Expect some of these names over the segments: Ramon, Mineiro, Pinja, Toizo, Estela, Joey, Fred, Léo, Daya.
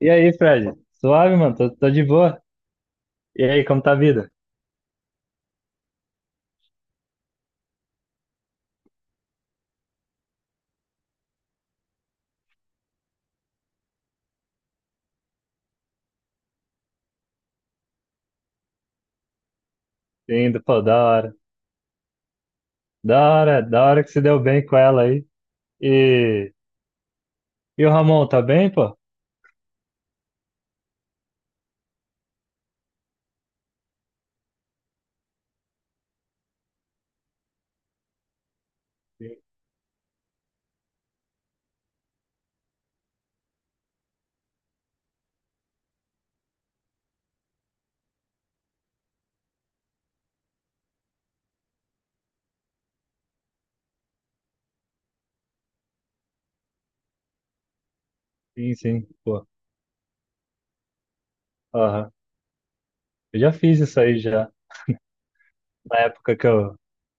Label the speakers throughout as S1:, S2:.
S1: E aí, Fred? Suave, mano? Tô de boa. E aí, como tá a vida? Indo, pô, da hora. Da hora que se deu bem com ela aí. E, e o Ramon, tá bem, pô? Sim, sim, pô. Aham. Eu já fiz isso aí já. Na época que eu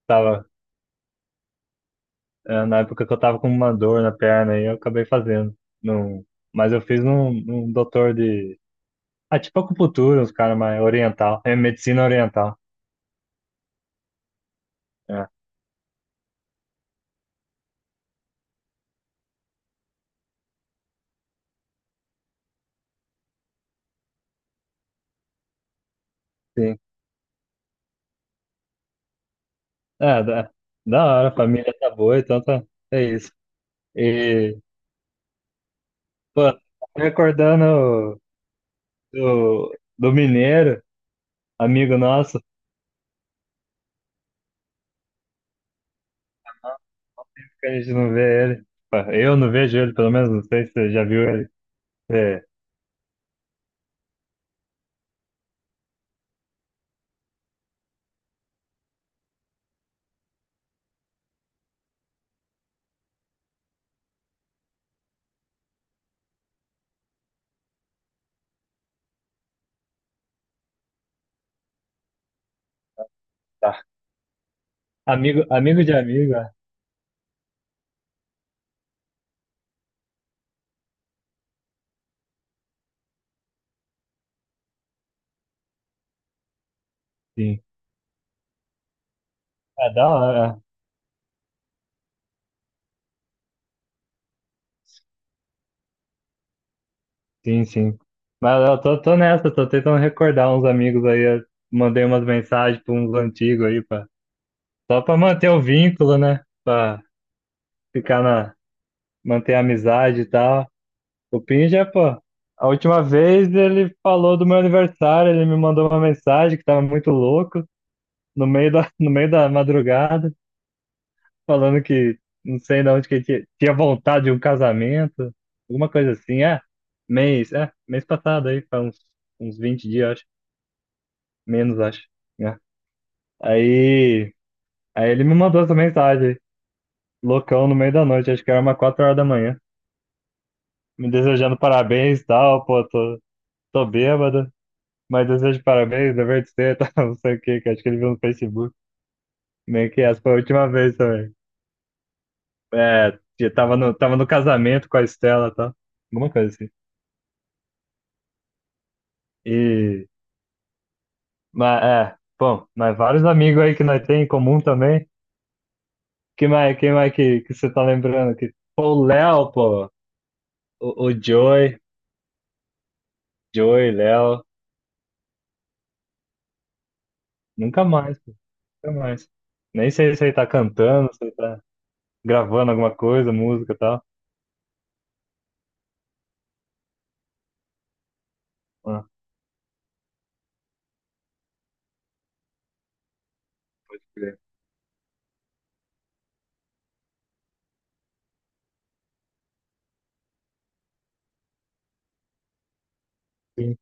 S1: tava, Na época que eu tava com uma dor na perna aí, eu acabei fazendo. Num, mas eu fiz num doutor de. Ah, tipo acupuntura, uns caras mais oriental. É medicina oriental. É, sim. É, da hora, a família tá boa, então tá. É isso. E, pô, recordando do Mineiro, amigo nosso, que a gente não vê ele. Pô, eu não vejo ele, pelo menos, não sei se você já viu ele. É, tá. Amigo de amigo, é, sim. É da hora, é. Sim, sim. Mas eu tô, nessa, tô tentando recordar uns amigos aí. Eu mandei umas mensagens pra uns antigos aí, pá. Só pra manter o vínculo, né? Pra ficar na, manter a amizade e tal. O Pinja, pô, a última vez ele falou do meu aniversário, ele me mandou uma mensagem que tava muito louco, no meio da, no meio da madrugada, falando que não sei de onde que ele tinha, vontade de um casamento, alguma coisa assim, mês passado aí, faz uns, 20 dias, acho, menos, acho, né? Aí, aí ele me mandou essa mensagem, loucão, no meio da noite, acho que era umas 4 horas da manhã, me desejando parabéns e tal, pô, tô bêbado. Mas desejo de parabéns, dever de ser, tá, não sei o que, que acho que ele viu no Facebook. Meio que essa foi a última vez também. É, eu tava no casamento com a Estela, tá? Alguma coisa assim. E, bom, mas vários amigos aí que nós tem em comum também. Quem mais que você tá lembrando? Que, pô, o Léo, pô, o Joey, Joey, Léo, nunca mais, pô, nunca mais. Nem sei se ele tá cantando, se ele tá gravando alguma coisa, música e tal. Ah,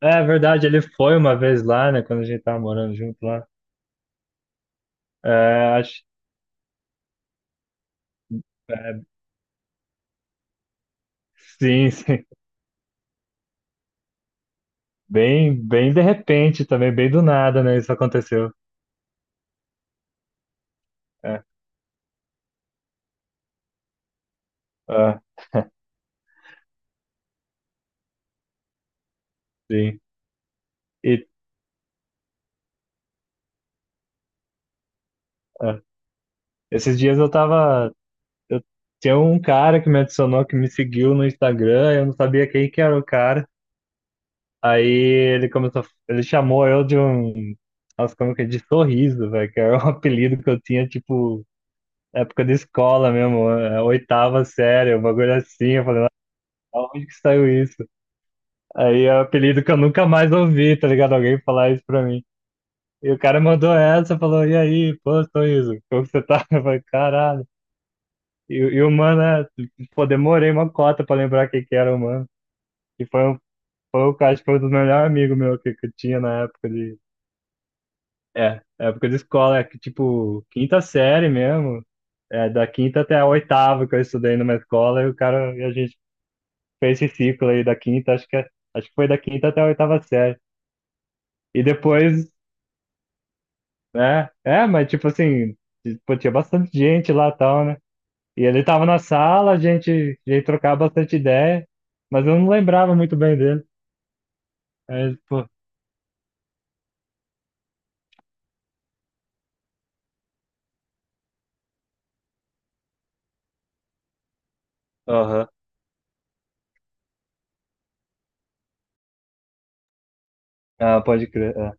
S1: é verdade, ele foi uma vez lá, né? Quando a gente tava morando junto lá. É, acho, é, sim, sim. Bem de repente também, bem do nada, né? Isso aconteceu. É, ah, sim. E ah, esses dias eu tava. Eu, tinha um cara que me adicionou, que me seguiu no Instagram, eu não sabia quem que era o cara. Aí ele começou, ele chamou eu de um, nossa, como que é, de sorriso, velho, que era um apelido que eu tinha, tipo, época de escola mesmo, oitava série, um bagulho assim. Eu falei, aonde que saiu isso? Aí é um apelido que eu nunca mais ouvi, tá ligado? Alguém falar isso pra mim. E o cara mandou essa, falou, e aí, pô, Toizo, como que você tá? Eu falei, caralho. E o mano, pô, demorei uma cota pra lembrar quem que era o mano. E foi o cara, acho que foi um dos melhores amigos meu que eu tinha na época de... É, época de escola, é que, tipo, quinta série mesmo. É, da quinta até a oitava que eu estudei numa escola. E o cara, e a gente fez esse ciclo aí da quinta, acho que foi da quinta até a oitava série. E depois, né? É, mas tipo assim, pô, tinha bastante gente lá e tal, né? E ele tava na sala, a gente trocava bastante ideia, mas eu não lembrava muito bem dele. Aí, pô, aham. Ah, pode crer. É,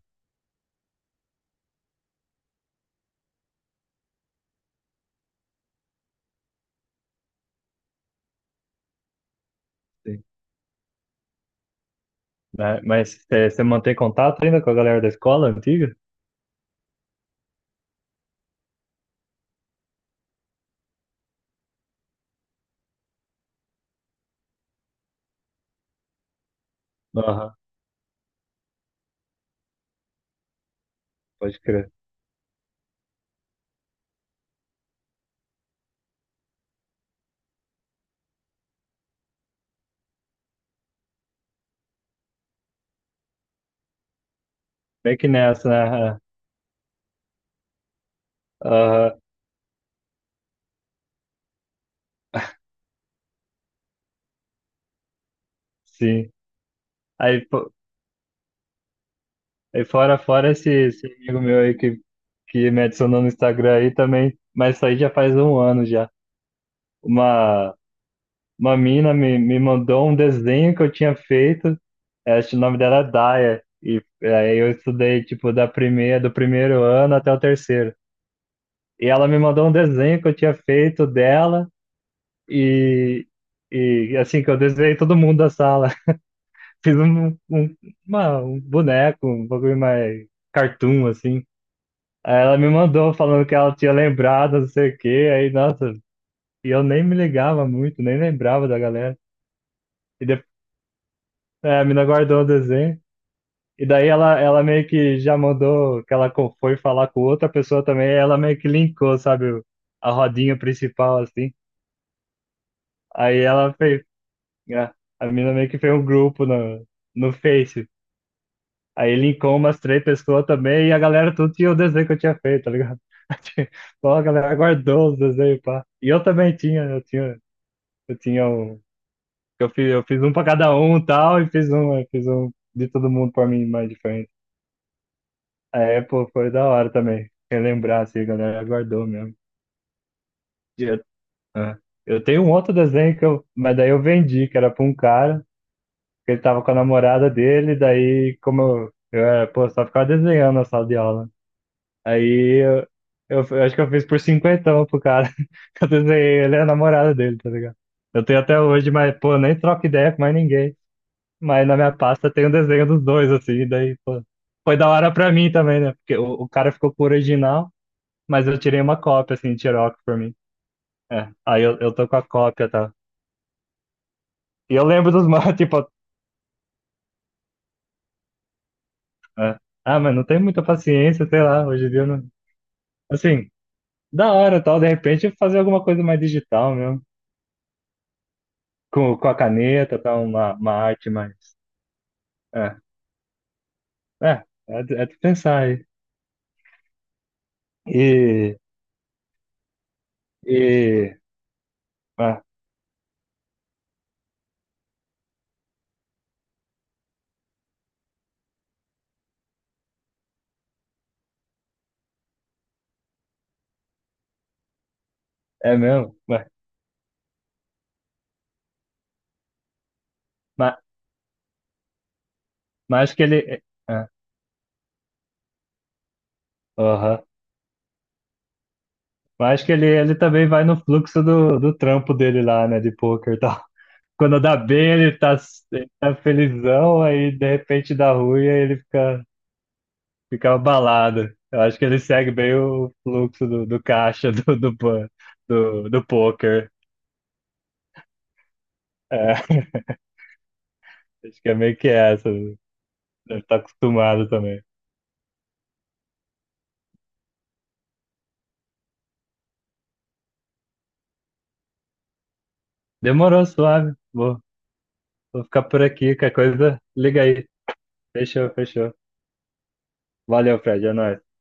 S1: sim. Né? Mas você mantém contato ainda com a galera da escola antiga? Aham, pode crer. Bem que nessa, né? É, aham, sim. Aí, pô, aí fora esse, amigo meu aí que me adicionou no Instagram aí também, mas isso aí já faz um ano já. Uma, uma mina me mandou um desenho que eu tinha feito, eu acho que o nome dela é Daya, e aí eu estudei, tipo, da primeira, do primeiro ano até o terceiro. E ela me mandou um desenho que eu tinha feito dela, e, e assim, que eu desenhei todo mundo da sala. Fiz um boneco, um bagulho mais cartoon, assim. Aí ela me mandou falando que ela tinha lembrado, não sei o quê, aí, nossa, e eu nem me ligava muito, nem lembrava da galera. E depois, a mina guardou o desenho. E daí ela meio que já mandou que ela foi falar com outra pessoa também, aí ela meio que linkou, sabe, a rodinha principal, assim. Aí ela fez, a, a mina meio que fez um grupo no, Face. Aí linkou umas três pessoas também e a galera tudo tinha o desenho que eu tinha feito, tá ligado? Pô, a galera guardou os desenhos, pá. E eu também tinha, eu tinha um, eu fiz um pra cada um e tal, e fiz um, eu fiz um de todo mundo pra mim mais diferente. É, pô, foi da hora também. Relembrar, assim, a galera guardou mesmo. E eu, é. Eu tenho um outro desenho que eu. Mas daí eu vendi, que era pra um cara, que ele tava com a namorada dele, daí, como eu era, pô, só ficava desenhando na sala de aula. Aí eu acho que eu fiz por cinquentão pro cara. Eu desenhei, ele é a namorada dele, tá ligado? Eu tenho até hoje, mas, pô, nem troco ideia com mais ninguém. Mas na minha pasta tem um desenho dos dois, assim, daí, pô. Foi da hora pra mim também, né? Porque o cara ficou com o original. Mas eu tirei uma cópia, assim, xerox pra mim. É. Aí eu tô com a cópia, tá? E eu lembro dos mapas, tipo, é. Ah, mas não tenho muita paciência, sei lá, hoje em dia eu não. Assim, da hora, tal, de repente fazer alguma coisa mais digital mesmo. Com a caneta, tal, uma arte mais. É, é, é, é de pensar aí. E. E. ah, É mesmo? Mas, mas, mas, acho que ele. É, é, aham. Mas acho que ele também vai no fluxo do trampo dele lá, né, de poker e tal. Quando dá bem, ele tá felizão, aí de repente dá ruim, aí ele fica abalado. Eu acho que ele segue bem o fluxo do caixa do poker. É, acho que é meio que essa. Deve estar acostumado também. Demorou, suave. Vou ficar por aqui. Qualquer coisa, liga aí. Fechou, fechou. Valeu, Fred. É nóis.